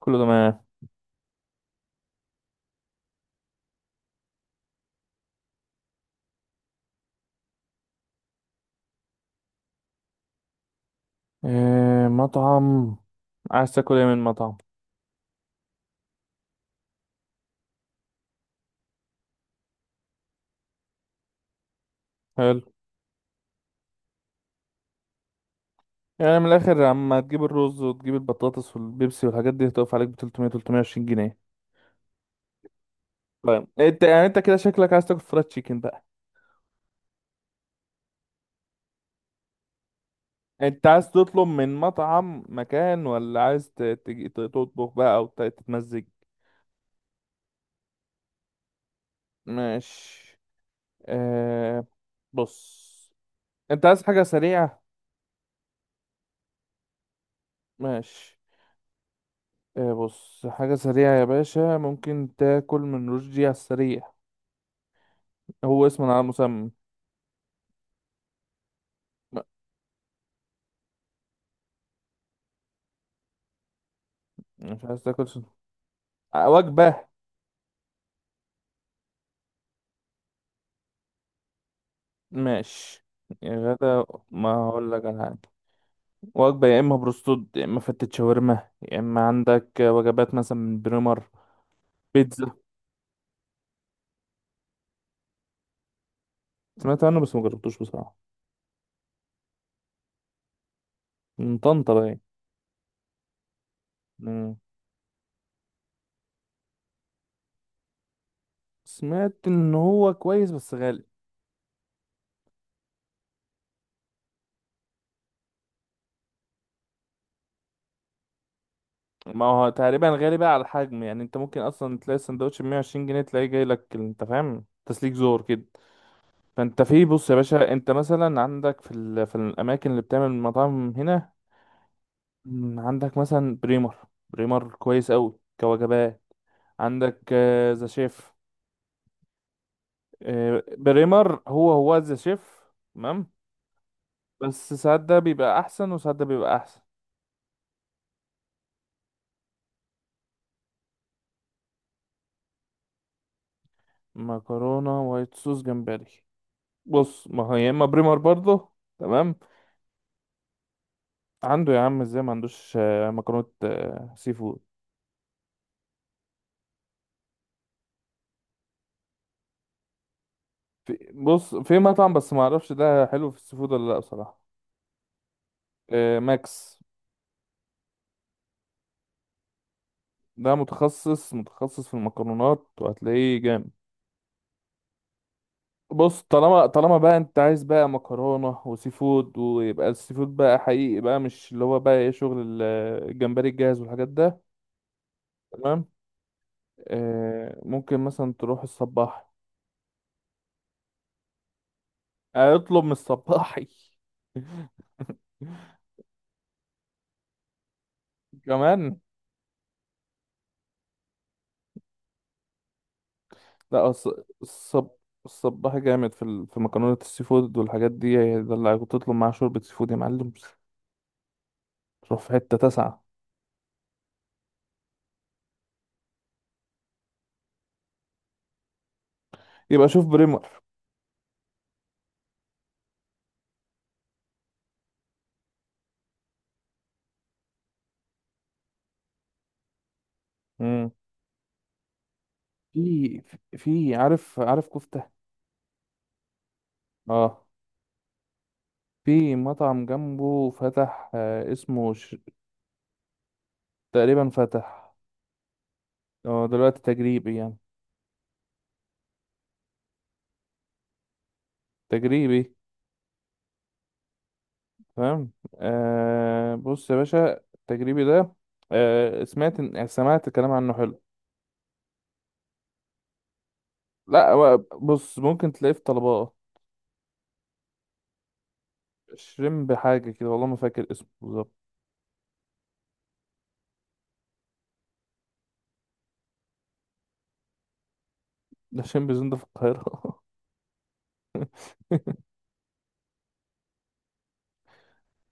كله تمام. إيه مطعم؟ عايز تاكل ايه من مطعم؟ حلو. يعني من الاخر اما تجيب الرز وتجيب البطاطس والبيبسي والحاجات دي هتقف عليك ب 300 320 جنيه. طيب انت يعني انت كده شكلك عايز تاكل فرايد تشيكن بقى. انت عايز تطلب من مطعم مكان ولا عايز تطبخ بقى او تتمزج؟ ماشي. إيه؟ بص، انت عايز حاجة سريعة. ماشي. إيه، بص، حاجة سريعة يا باشا، ممكن تاكل من رشدي على السريع، هو اسم على مسمى. لا، مش عايز تاكل سن- وجبة. ماشي يا غدا، ما هقول لك على حاجة. وجبة، يا إما بروستود يا إما فتة شاورما يا إما عندك وجبات مثلا من بريمر. بيتزا؟ سمعت عنه بس ما جربتوش بصراحة. من طنطا باين. مم. سمعت إن هو كويس بس غالي. ما هو تقريبا غالي بقى على الحجم، يعني أنت ممكن أصلا تلاقي السندوتش ب 120 جنيه تلاقيه جاي لك، أنت فاهم، تسليك زور كده. فانت في بص يا باشا، انت مثلا عندك في الاماكن اللي بتعمل مطاعم هنا. مم، عندك مثلا بريمر، بريمر كويس قوي كوجبات. عندك ذا شيف. بريمر هو هو ذا شيف، تمام. بس ساعات ده بيبقى احسن وساعات ده بيبقى احسن. مكرونه وايت صوص جمبري؟ بص ما هو يا اما بريمر برضه، تمام. عنده يا عم، ازاي ما عندوش. مكرونه، سي فود. في بص، في مطعم بس ما اعرفش ده حلو في السي فود ولا لا بصراحه. ماكس، ده متخصص متخصص في المكرونات وهتلاقيه جامد. بص، طالما بقى انت عايز بقى مكرونة وسي فود، ويبقى السي فود بقى حقيقي بقى، مش اللي هو بقى ايه، الجمبري الجاهز والحاجات ده، تمام. آه ممكن مثلا تروح الصباح، اطلب من الصباحي كمان. لا الصباحي جامد في مكرونة السي فود والحاجات دي. ده اللي كنت تطلب معاه شوربة سي فود يا معلم، تروح في حتة تسعة. يبقى شوف بريمر. مم. في في عارف عارف كفتة. اه، في مطعم جنبه فتح، آه تقريبا فتح، هو دلوقتي تجريبي يعني. تجريبي، فاهم. آه بص يا باشا التجريبي ده، آه يعني سمعت الكلام عنه حلو. لا هو بص ممكن تلاقيه في طلبات. شريمب حاجة كده، والله ما فاكر اسمه بالظبط. ده شريمب زون ده في القاهرة.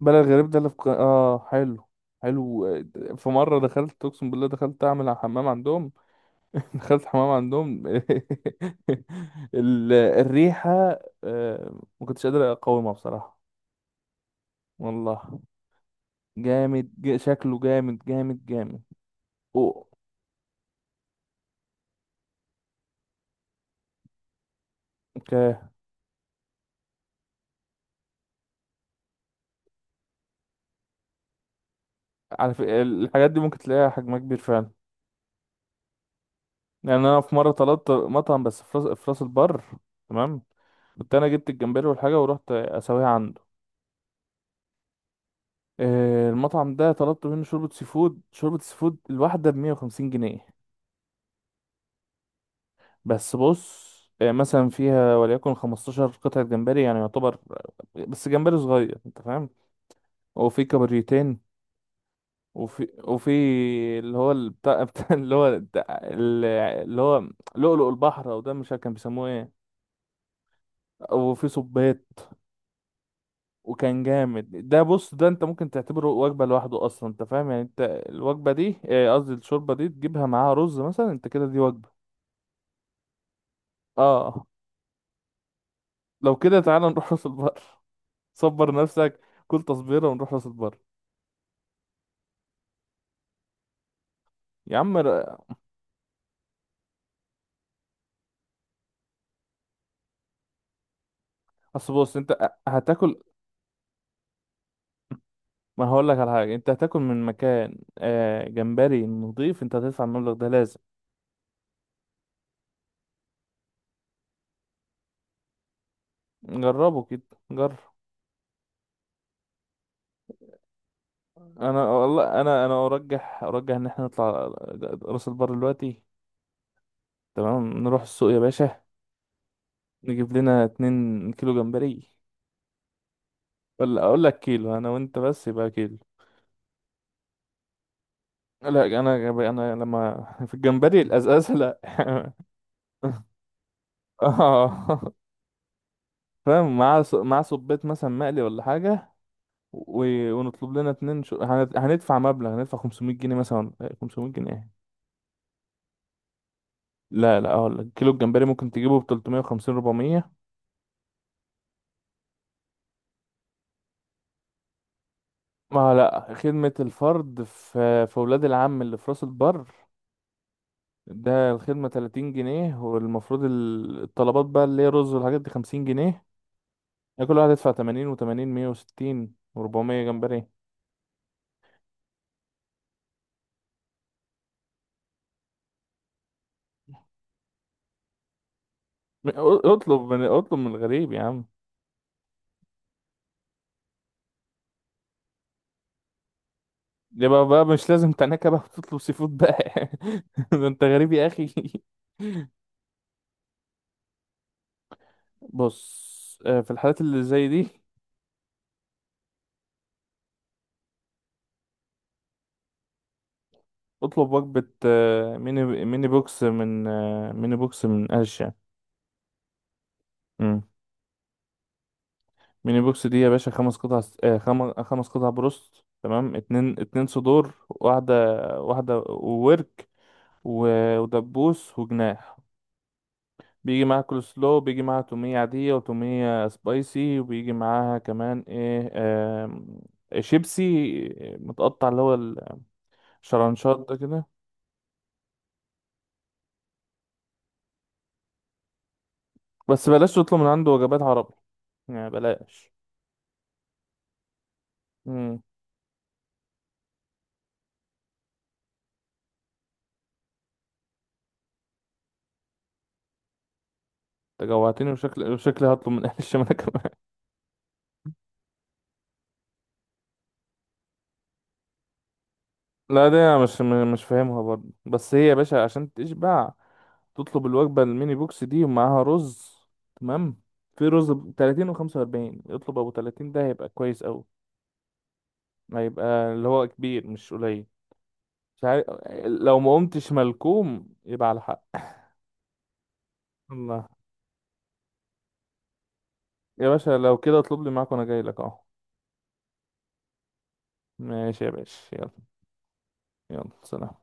بلد غريب ده اللي اه حلو. حلو. في مرة دخلت، اقسم بالله دخلت اعمل على حمام عندهم. دخلت حمام عندهم الريحة، ما كنتش قادر اقاومها بصراحة. والله جامد شكله جامد جامد جامد. اوه. اوكي. الحاجات دي ممكن تلاقيها حجمها كبير فعلا. يعني انا في مرة طلبت مطعم بس في راس البر، تمام. كنت انا جبت الجمبري والحاجة ورحت اسويها عندي. المطعم ده طلبت منه شوربة سي فود، شوربة سي فود الواحدة بمية وخمسين جنيه. بس بص، مثلا فيها وليكن 15 قطعة جمبري يعني يعتبر، بس جمبري صغير انت فاهم. وفي كابوريتين، وفي اللي هو بتاع بتاع اللي هو اللي هو لؤلؤ البحر او ده مش عارف كان بيسموه ايه. وفي صبيط. وكان جامد. ده بص، ده انت ممكن تعتبره وجبة لوحده اصلا انت فاهم، يعني انت الوجبة دي، قصدي الشوربة دي تجيبها معاها رز مثلا، انت كده دي وجبة. اه لو كده تعالى نروح راس البر. صبر نفسك، كل تصبيره ونروح راس البر. يا عم ر- اصل بص انت هتاكل، ما هقول لك على حاجه. انت هتاكل من مكان آه جمبري نضيف، انت هتدفع المبلغ ده لازم. جربه كده، جرب. انا والله انا ارجح ان احنا نطلع راس البر دلوقتي، تمام. نروح السوق يا باشا، نجيب لنا 2 كيلو جمبري. ولا اقول لك كيلو، انا وانت بس يبقى كيلو. لا انا، لما في الجمبري الازازه لا. اه. فاهم، مع صبيت مثلا مقلي ولا حاجة. ونطلب لنا اتنين، هندفع مبلغ، هندفع 500 جنيه مثلا، 500 جنيه ايه. لا لا، اقول لك كيلو الجمبري ممكن تجيبه ب 350 400. ما لا، خدمة الفرد في ولاد العم اللي في راس البر ده الخدمة 30 جنيه، والمفروض الطلبات بقى اللي هي رز والحاجات دي 50 جنيه. يعني كل واحد يدفع 80 و80 160 و400 جمبري. م- اطلب من الغريب يا عم. يبقى بقى مش لازم تناكة بقى تطلب سي فود بقى. ده انت غريب يا اخي. بص، في الحالات اللي زي دي اطلب وجبة، ميني بوكس من أرشا. مم. ميني بوكس دي يا باشا، خمس قطع س- آه، خم- خمس قطع بروست، تمام. اتنين صدور، واحدة وورك، ودبوس وجناح. بيجي معاها كول سلو، بيجي معاها تومية عادية وتومية سبايسي، وبيجي معاها كمان ايه، شيبسي متقطع اللي هو الشرنشات ده كده. بس بلاش تطلب من عنده وجبات عربي، يعني بلاش. امم. انت جوعتني، وشكل وشكلي هطلب من اهل الشمال كمان. لا دي انا مش فاهمها برضه، بس هي يا باشا عشان تشبع تطلب الوجبة الميني بوكس دي ومعاها رز، تمام. في رز ب 30 و45، اطلب ابو 30 ده هيبقى كويس قوي، ما يبقى اللي هو كبير مش قليل. مش عارف. لو ما قمتش ملكوم يبقى على حق. الله. يا باشا لو كده اطلب لي معاك وانا جاي لك اهو. ماشي يا باشا، يلا. يلا سلام.